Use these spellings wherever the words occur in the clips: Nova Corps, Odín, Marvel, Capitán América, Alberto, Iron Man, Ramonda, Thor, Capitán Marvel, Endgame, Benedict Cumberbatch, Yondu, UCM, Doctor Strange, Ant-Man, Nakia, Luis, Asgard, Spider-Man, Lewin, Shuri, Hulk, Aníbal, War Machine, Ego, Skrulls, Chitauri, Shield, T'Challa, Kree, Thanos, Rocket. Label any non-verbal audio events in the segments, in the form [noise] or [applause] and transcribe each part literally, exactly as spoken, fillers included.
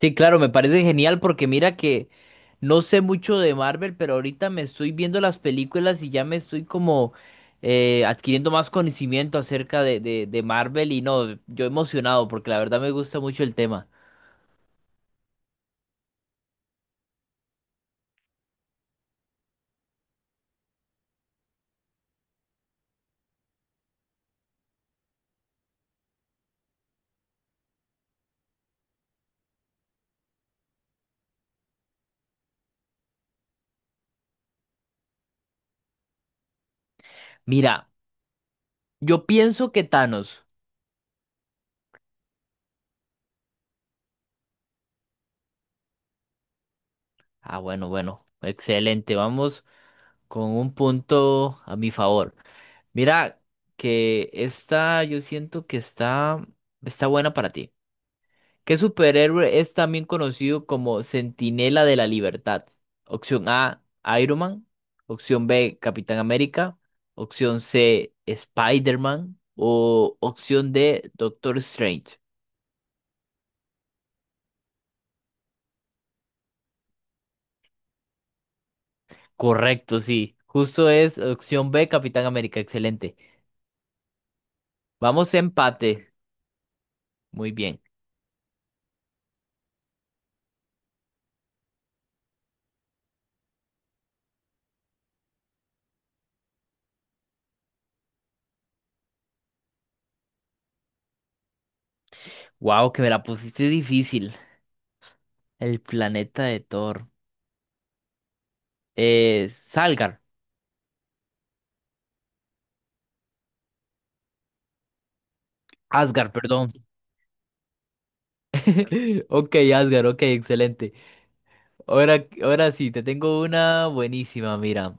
Sí, claro, me parece genial porque mira que no sé mucho de Marvel, pero ahorita me estoy viendo las películas y ya me estoy como eh, adquiriendo más conocimiento acerca de, de, de Marvel y no, yo emocionado porque la verdad me gusta mucho el tema. Mira, yo pienso que Thanos. Ah, bueno, bueno, excelente, vamos con un punto a mi favor. Mira que esta, yo siento que está, está buena para ti. ¿Qué superhéroe es también conocido como Centinela de la Libertad? Opción A, Iron Man. Opción B, Capitán América. Opción C, Spider-Man. O opción D, Doctor Strange. Correcto, sí. Justo es opción B, Capitán América. Excelente. Vamos a empate. Muy bien. Wow, que me la pusiste difícil. El planeta de Thor. Eh, Salgar. Asgard, perdón. [laughs] Ok, Asgard, ok, excelente. Ahora, ahora sí, te tengo una buenísima, mira.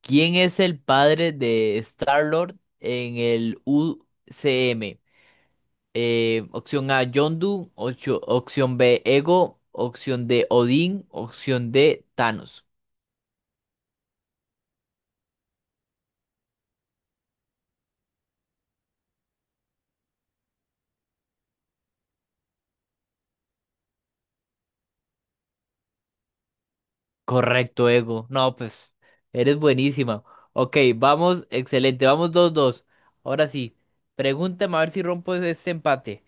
¿Quién es el padre de Star-Lord en el U C M? Eh, opción A, Yondu, ocho- opción B, Ego, opción D, Odín, opción D, Thanos. Correcto, Ego. No, pues, eres buenísima. Ok, vamos, excelente, vamos dos dos. Ahora sí, pregúntame a ver si rompo ese empate.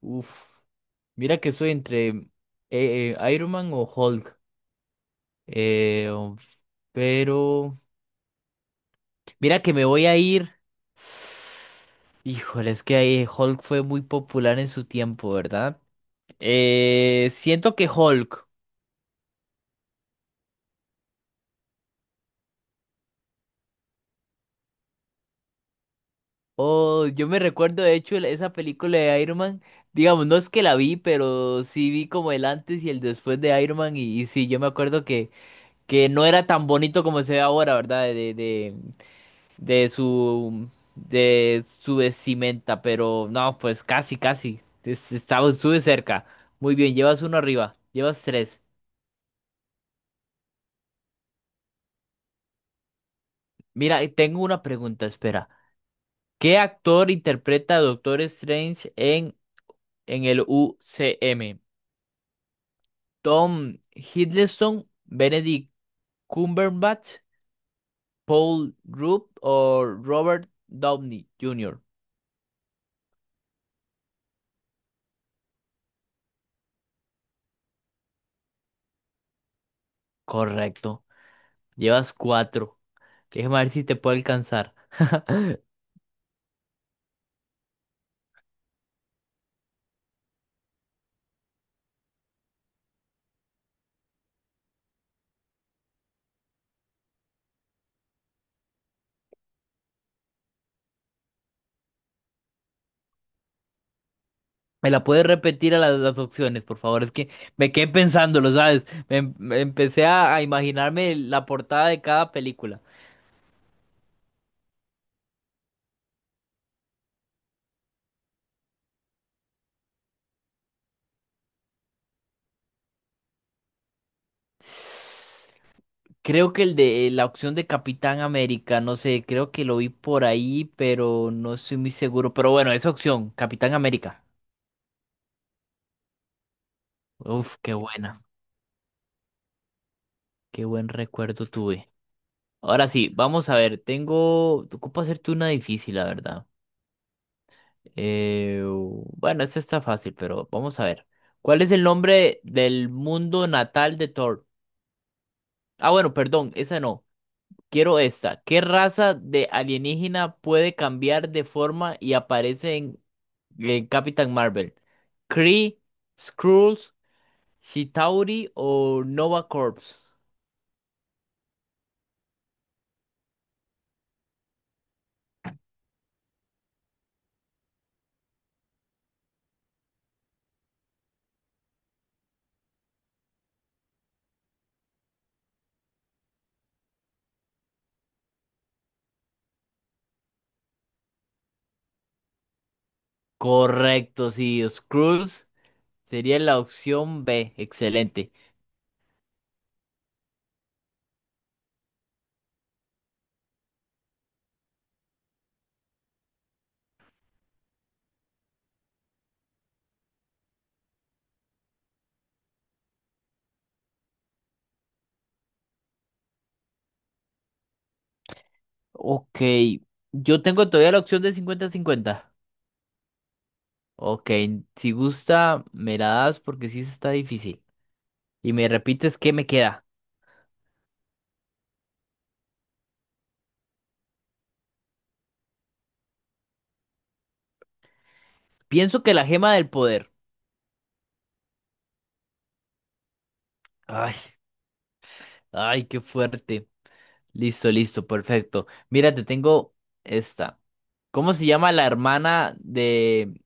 Uf. Mira que soy entre eh, eh, Iron Man o Hulk. Eh, um, pero mira que me voy a ir. Híjole, es que ahí Hulk fue muy popular en su tiempo, ¿verdad? Eh, siento que Hulk. Oh, yo me recuerdo de hecho el- esa película de Iron Man. Digamos, no es que la vi, pero sí vi como el antes y el después de Iron Man. Y, y sí, yo me acuerdo que, que no era tan bonito como se ve ahora, ¿verdad? De, de, de su de su vestimenta, pero no, pues casi, casi. Es- Estaba, estuve cerca. Muy bien, llevas uno arriba, llevas tres. Mira, y tengo una pregunta, espera. ¿Qué actor interpreta a Doctor Strange en, en el U C M? ¿Tom Hiddleston, Benedict Cumberbatch, Paul Rudd o Robert Downey junior? Correcto, llevas cuatro. Déjame ver si te puedo alcanzar. [laughs] ¿Me la puedes repetir a las, las opciones, por favor? Es que me quedé pensándolo, ¿sabes? Me, em- me empecé a, a imaginarme la portada de cada película. Creo que el de la opción de Capitán América, no sé, creo que lo vi por ahí, pero no estoy muy seguro. Pero bueno, esa opción, Capitán América. Uf, qué buena, qué buen recuerdo tuve. Ahora sí, vamos a ver, tengo, te ocupo hacerte una difícil, la verdad. Eh, bueno, este está fácil, pero vamos a ver. ¿Cuál es el nombre del mundo natal de Thor? Ah, bueno, perdón, esa no. Quiero esta. ¿Qué raza de alienígena puede cambiar de forma y aparece en, en Capitán Marvel? ¿Kree, Skrulls, Chitauri o Nova Corps? Correcto, sí, Skrulls sería la opción B. Excelente. Ok, yo tengo todavía la opción de cincuenta-cincuenta. Ok, si gusta, me la das porque sí está difícil. Y me repites qué me queda. Pienso que la gema del poder. Ay, ay, qué fuerte. Listo, listo, perfecto. Mira, te tengo esta. ¿Cómo se llama la hermana de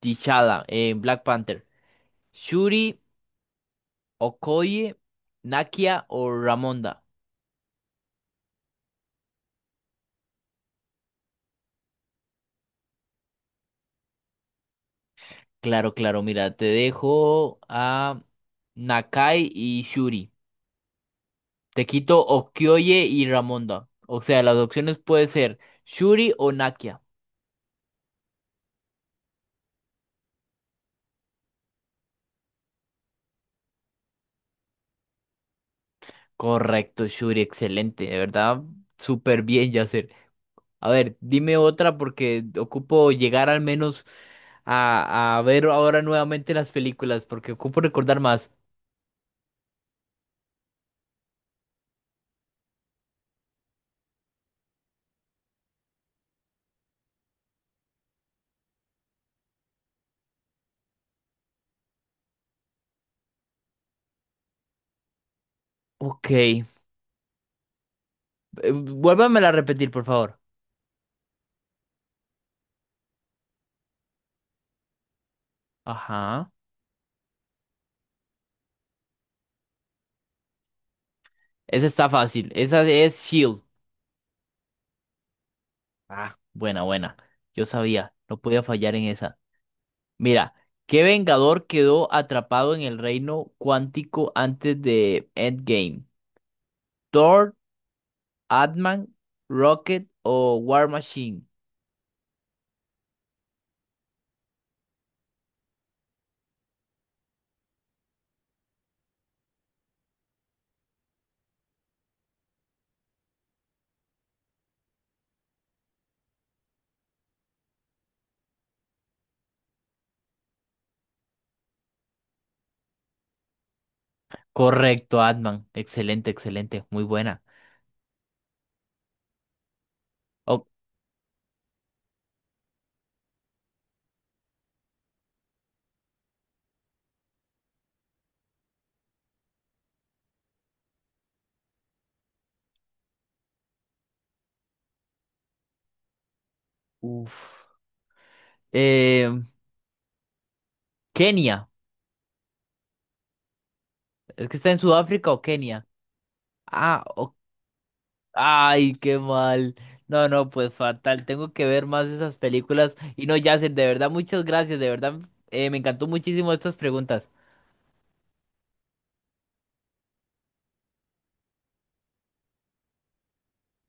T'Challa en Black Panther? ¿Shuri, Okoye, Nakia o Ramonda? Claro, claro, mira, te dejo a Nakai y Shuri. Te quito Okioye y Ramonda. O sea, las opciones puede ser Shuri o Nakia. Correcto, Shuri, excelente. De verdad, súper bien, Yacer. A ver, dime otra porque ocupo llegar al menos a, a ver ahora nuevamente las películas porque ocupo recordar más. Ok, eh, vuélvamela a repetir, por favor. Ajá. Esa está fácil. Esa es Shield. Ah, buena, buena. Yo sabía, no podía fallar en esa. Mira, ¿qué Vengador quedó atrapado en el reino cuántico antes de Endgame? ¿Thor, Ant-Man, Rocket o War Machine? Correcto, Ant-Man. Excelente, excelente. Muy buena. Oh, uf. Eh, Kenia. ¿Es que está en Sudáfrica o Kenia? Ah, o- ay, qué mal. No, no, pues fatal. Tengo que ver más esas películas. Y no, Yacen, de verdad, muchas gracias. De verdad, eh, me encantó muchísimo estas preguntas.